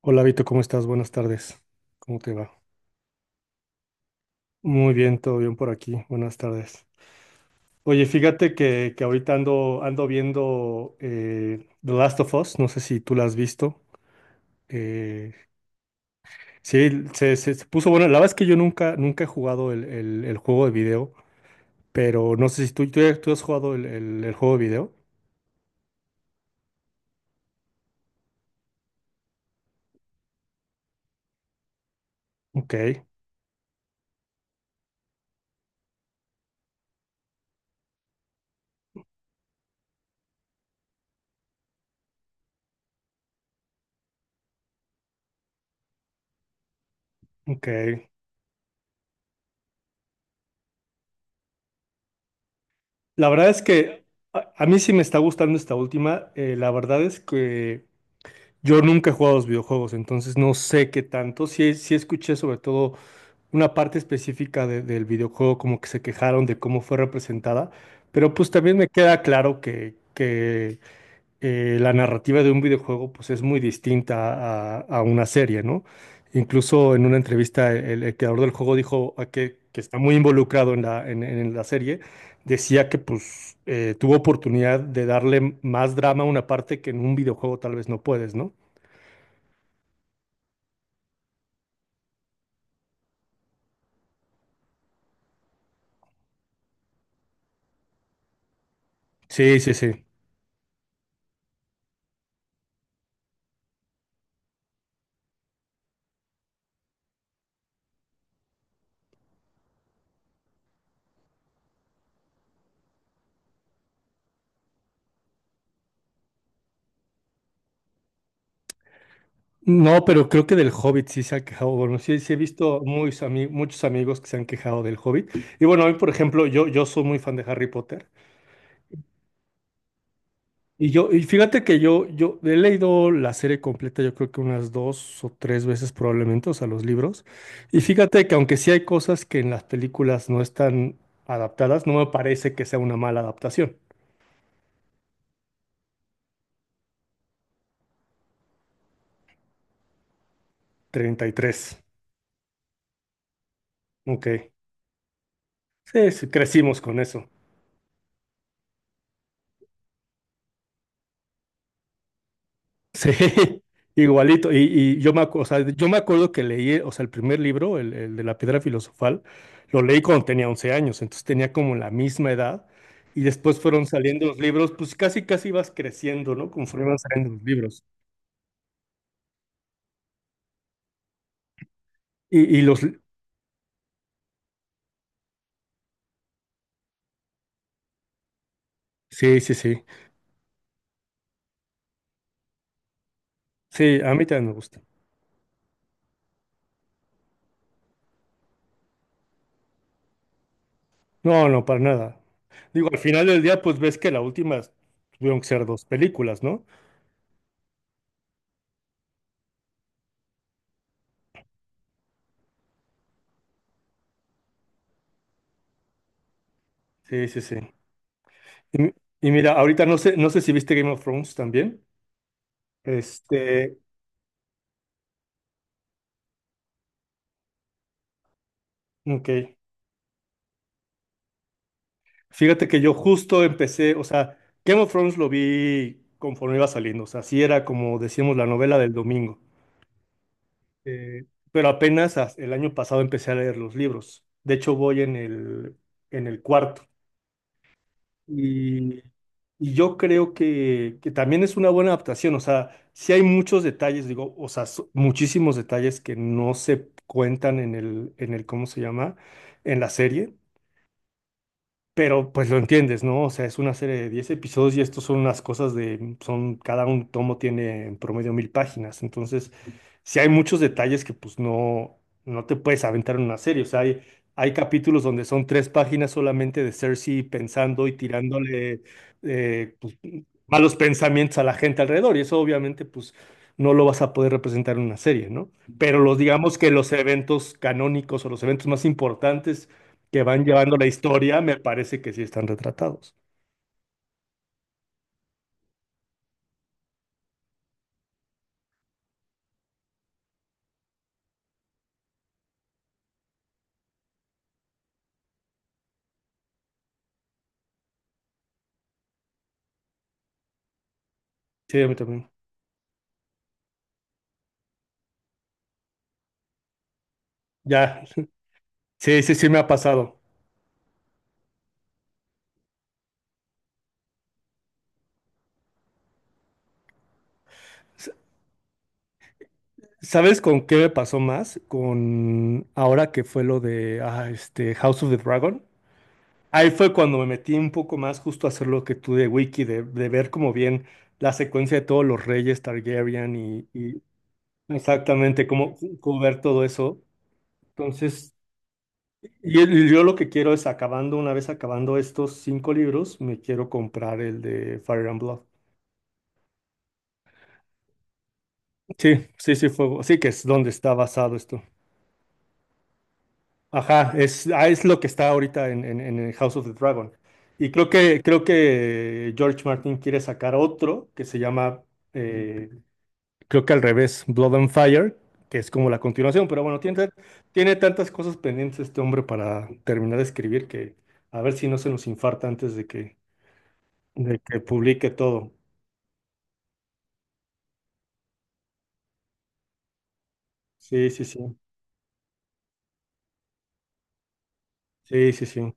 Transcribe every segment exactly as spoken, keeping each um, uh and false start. Hola Vito, ¿cómo estás? Buenas tardes. ¿Cómo te va? Muy bien, todo bien por aquí. Buenas tardes. Oye, fíjate que, que ahorita ando, ando viendo eh, The Last of Us. No sé si tú la has visto. Eh, sí, se, se- se puso bueno. La verdad es que yo nunca, nunca he jugado el, el- el juego de video, pero no sé si tú, tú, tú has jugado el, el- el juego de video. Ok, ok. La verdad es que a, a mí sí me está gustando esta última. Eh, la verdad es que... Yo nunca he jugado a los videojuegos, entonces no sé qué tanto. Sí, sí escuché sobre todo una parte específica de- del videojuego, como que se quejaron de cómo fue representada, pero pues también me queda claro que, que eh, la narrativa de un videojuego pues es muy distinta a, a una serie, ¿no? Incluso en una entrevista el, el creador del juego dijo a que, que está muy involucrado en la, en, en la serie, decía que pues eh, tuvo oportunidad de darle más drama a una parte que en un videojuego tal vez no puedes, ¿no? Sí, sí, sí. No, pero creo que del Hobbit sí se ha quejado. Bueno, sí, sí he visto muy ami- muchos amigos que se han quejado del Hobbit. Y bueno, hoy, por ejemplo, yo, yo soy muy fan de Harry Potter. Y yo, y fíjate que yo, yo he leído la serie completa, yo creo que unas dos o tres veces probablemente, o sea, los libros. Y fíjate que aunque sí hay cosas que en las películas no están adaptadas, no me parece que sea una mala adaptación. treinta y tres. Ok. Sí, sí, crecimos con eso. Sí, igualito. Y, y yo me, acu- o sea, yo me acuerdo que leí, o sea, el primer libro, el, el de la piedra filosofal, lo leí cuando tenía once años, entonces tenía como la misma edad. Y después fueron saliendo los libros, pues casi, casi vas creciendo, ¿no? Conforme van saliendo los libros. Y, y los... Sí, sí, sí. Sí, a mí también me gusta. No, no, para nada. Digo, al final del día, pues ves que la última tuvieron que ser dos películas, ¿no? Sí, sí, sí. Y, y mira, ahorita no sé, no sé si viste Game of Thrones también. Este, ok. Fíjate que yo justo empecé, o sea, Game of Thrones lo vi conforme iba saliendo, o sea, sí era como decíamos la novela del domingo. Eh, pero apenas as- el año pasado empecé a leer los libros. De hecho, voy en el, en el cuarto. Y, y yo creo que, que también es una buena adaptación, o sea, sí hay muchos detalles, digo, o sea, so- muchísimos detalles que no se cuentan en el, en el, ¿cómo se llama? En la serie. Pero pues lo entiendes, ¿no? O sea, es una serie de diez episodios y estos son unas cosas de, mm, son, cada un tomo tiene en promedio mil páginas. Entonces, sí hay muchos detalles que pues no, no te puedes aventar en una serie. O sea, hay, hay capítulos donde son tres páginas solamente de Cersei pensando y tirándole eh, pues, malos pensamientos a la gente alrededor. Y eso obviamente pues no lo vas a poder representar en una serie, ¿no? Pero los, digamos que los eventos canónicos o los eventos más importantes que van llevando la historia, me parece que sí están retratados. Sí, a mí también. Ya, sí, sí, sí me ha pasado. S- ¿Sabes con qué me pasó más? Con ahora que fue lo de ah, este House of the Dragon. Ahí fue cuando me metí un poco más justo a hacer lo que tú de Wiki, de, de ver como bien la secuencia de todos los reyes Targaryen y, y exactamente cómo, cómo ver todo eso. Entonces, y el- yo lo que quiero es acabando, una vez acabando estos cinco libros, me quiero comprar el de Fire and Blood. Sí, sí, sí, fuego. Sí, que es donde está basado esto. Ajá, es, ah, es lo que está ahorita en, en, en el House of the Dragon. Y creo que, creo que George Martin quiere sacar otro que se llama, eh, creo que al revés, Blood and Fire, que es como la continuación. Pero bueno, tiene, tiene tantas cosas pendientes este hombre para terminar de escribir que a ver si no se nos infarta antes de que, de que publique todo. Sí, sí, sí. Sí, sí, sí.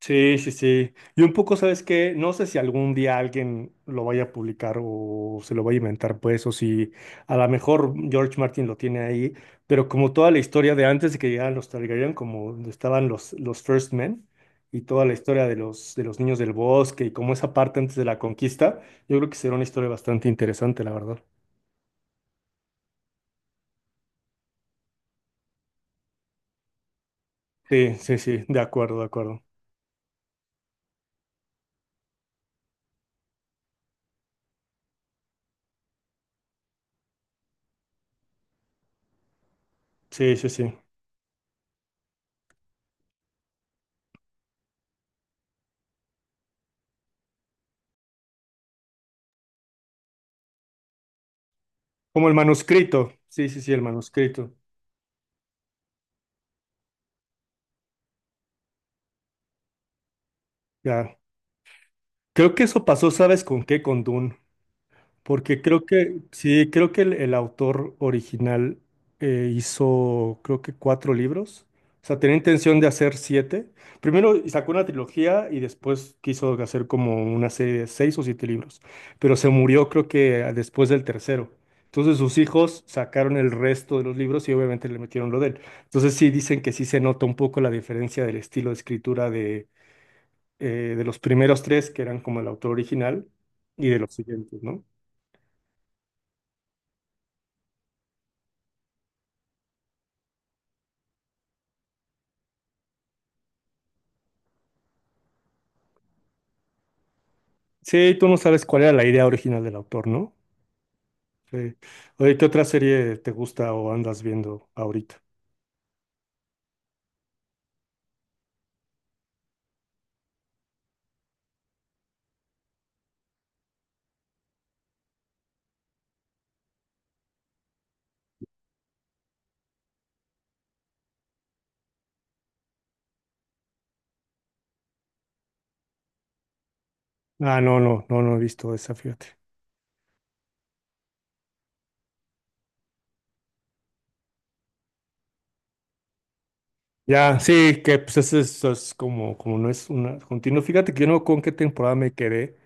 Sí, sí, sí. Y un poco, ¿sabes qué? No sé si algún día alguien lo vaya a publicar o se lo vaya a inventar, pues, o si a lo mejor George Martin lo tiene ahí, pero como toda la historia de antes de que llegaran los Targaryen, como donde estaban los, los First Men y toda la historia de los, de los niños del bosque y como esa parte antes de la conquista, yo creo que será una historia bastante interesante, la verdad. Sí, sí, sí, de acuerdo, de acuerdo. Sí, sí, sí. Como el manuscrito. Sí, sí, sí, el manuscrito. Ya. Creo que eso pasó, ¿sabes con qué? Con Dune. Porque creo que, sí, creo que el, el autor original eh, hizo, creo que cuatro libros. O sea, tenía intención de hacer siete. Primero sacó una trilogía y después quiso hacer como una serie de seis o siete libros. Pero se murió, creo que ah, después del tercero. Entonces sus hijos sacaron el resto de los libros y obviamente le metieron lo de él. Entonces sí dicen que sí se nota un poco la diferencia del estilo de escritura eh, de los primeros tres, que eran como el autor original, y de los siguientes, ¿no? Sí, tú no sabes cuál era la idea original del autor, ¿no? Sí. Oye, ¿qué otra serie te gusta o andas viendo ahorita? Ah, no, no, no, no he visto esa, fíjate. Ya, sí, que pues eso es, eso es como, como no es una continua. Fíjate que yo no con qué temporada me quedé,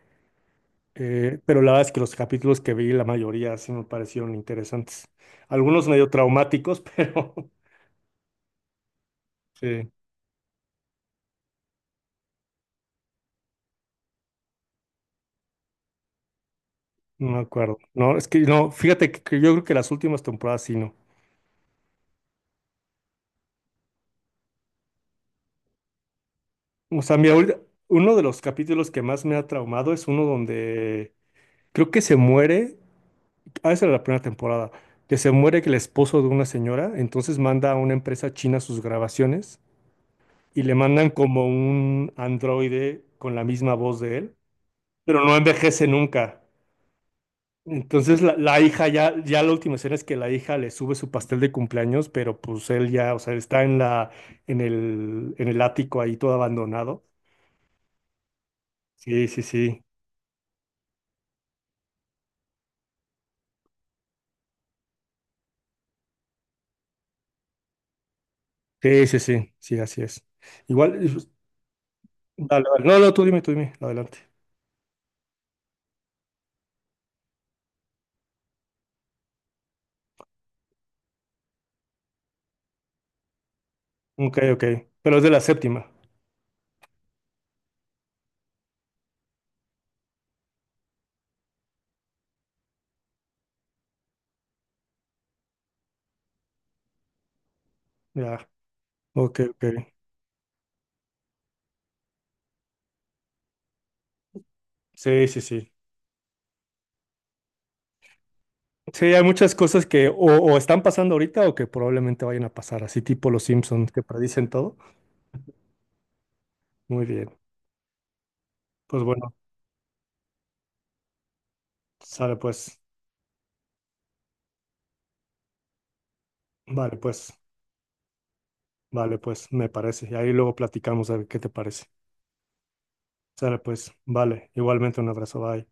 eh, pero la verdad es que los capítulos que vi, la mayoría sí me parecieron interesantes. Algunos medio traumáticos, pero sí. No me acuerdo. No, es que no, fíjate que, que yo creo que las últimas temporadas sí no. O sea, mira, ahorita- uno de los capítulos que más me ha traumado es uno donde creo que se muere, ah, esa era la primera temporada, que se muere el esposo de una señora, entonces manda a una empresa china sus grabaciones y le mandan como un androide con la misma voz de él, pero no envejece nunca. Entonces la, la hija ya, ya la última escena es que la hija le sube su pastel de cumpleaños, pero pues él ya, o sea, está en la, en el, en el ático ahí todo abandonado. Sí, sí, sí. Sí, sí, sí, sí, así es. Igual, y, pues, dale, dale. No, no, tú dime, tú dime, adelante. Ok, ok. Pero es de la séptima. Ya. Ok, ok. Sí, sí, sí. Sí, hay muchas cosas que o, o están pasando ahorita o que probablemente vayan a pasar, así tipo los Simpsons que predicen todo. Muy bien. Pues bueno, sale pues. Vale, pues. Vale, pues me parece. Y ahí luego platicamos a ver qué te parece. Sale, pues, vale. Igualmente un abrazo, bye.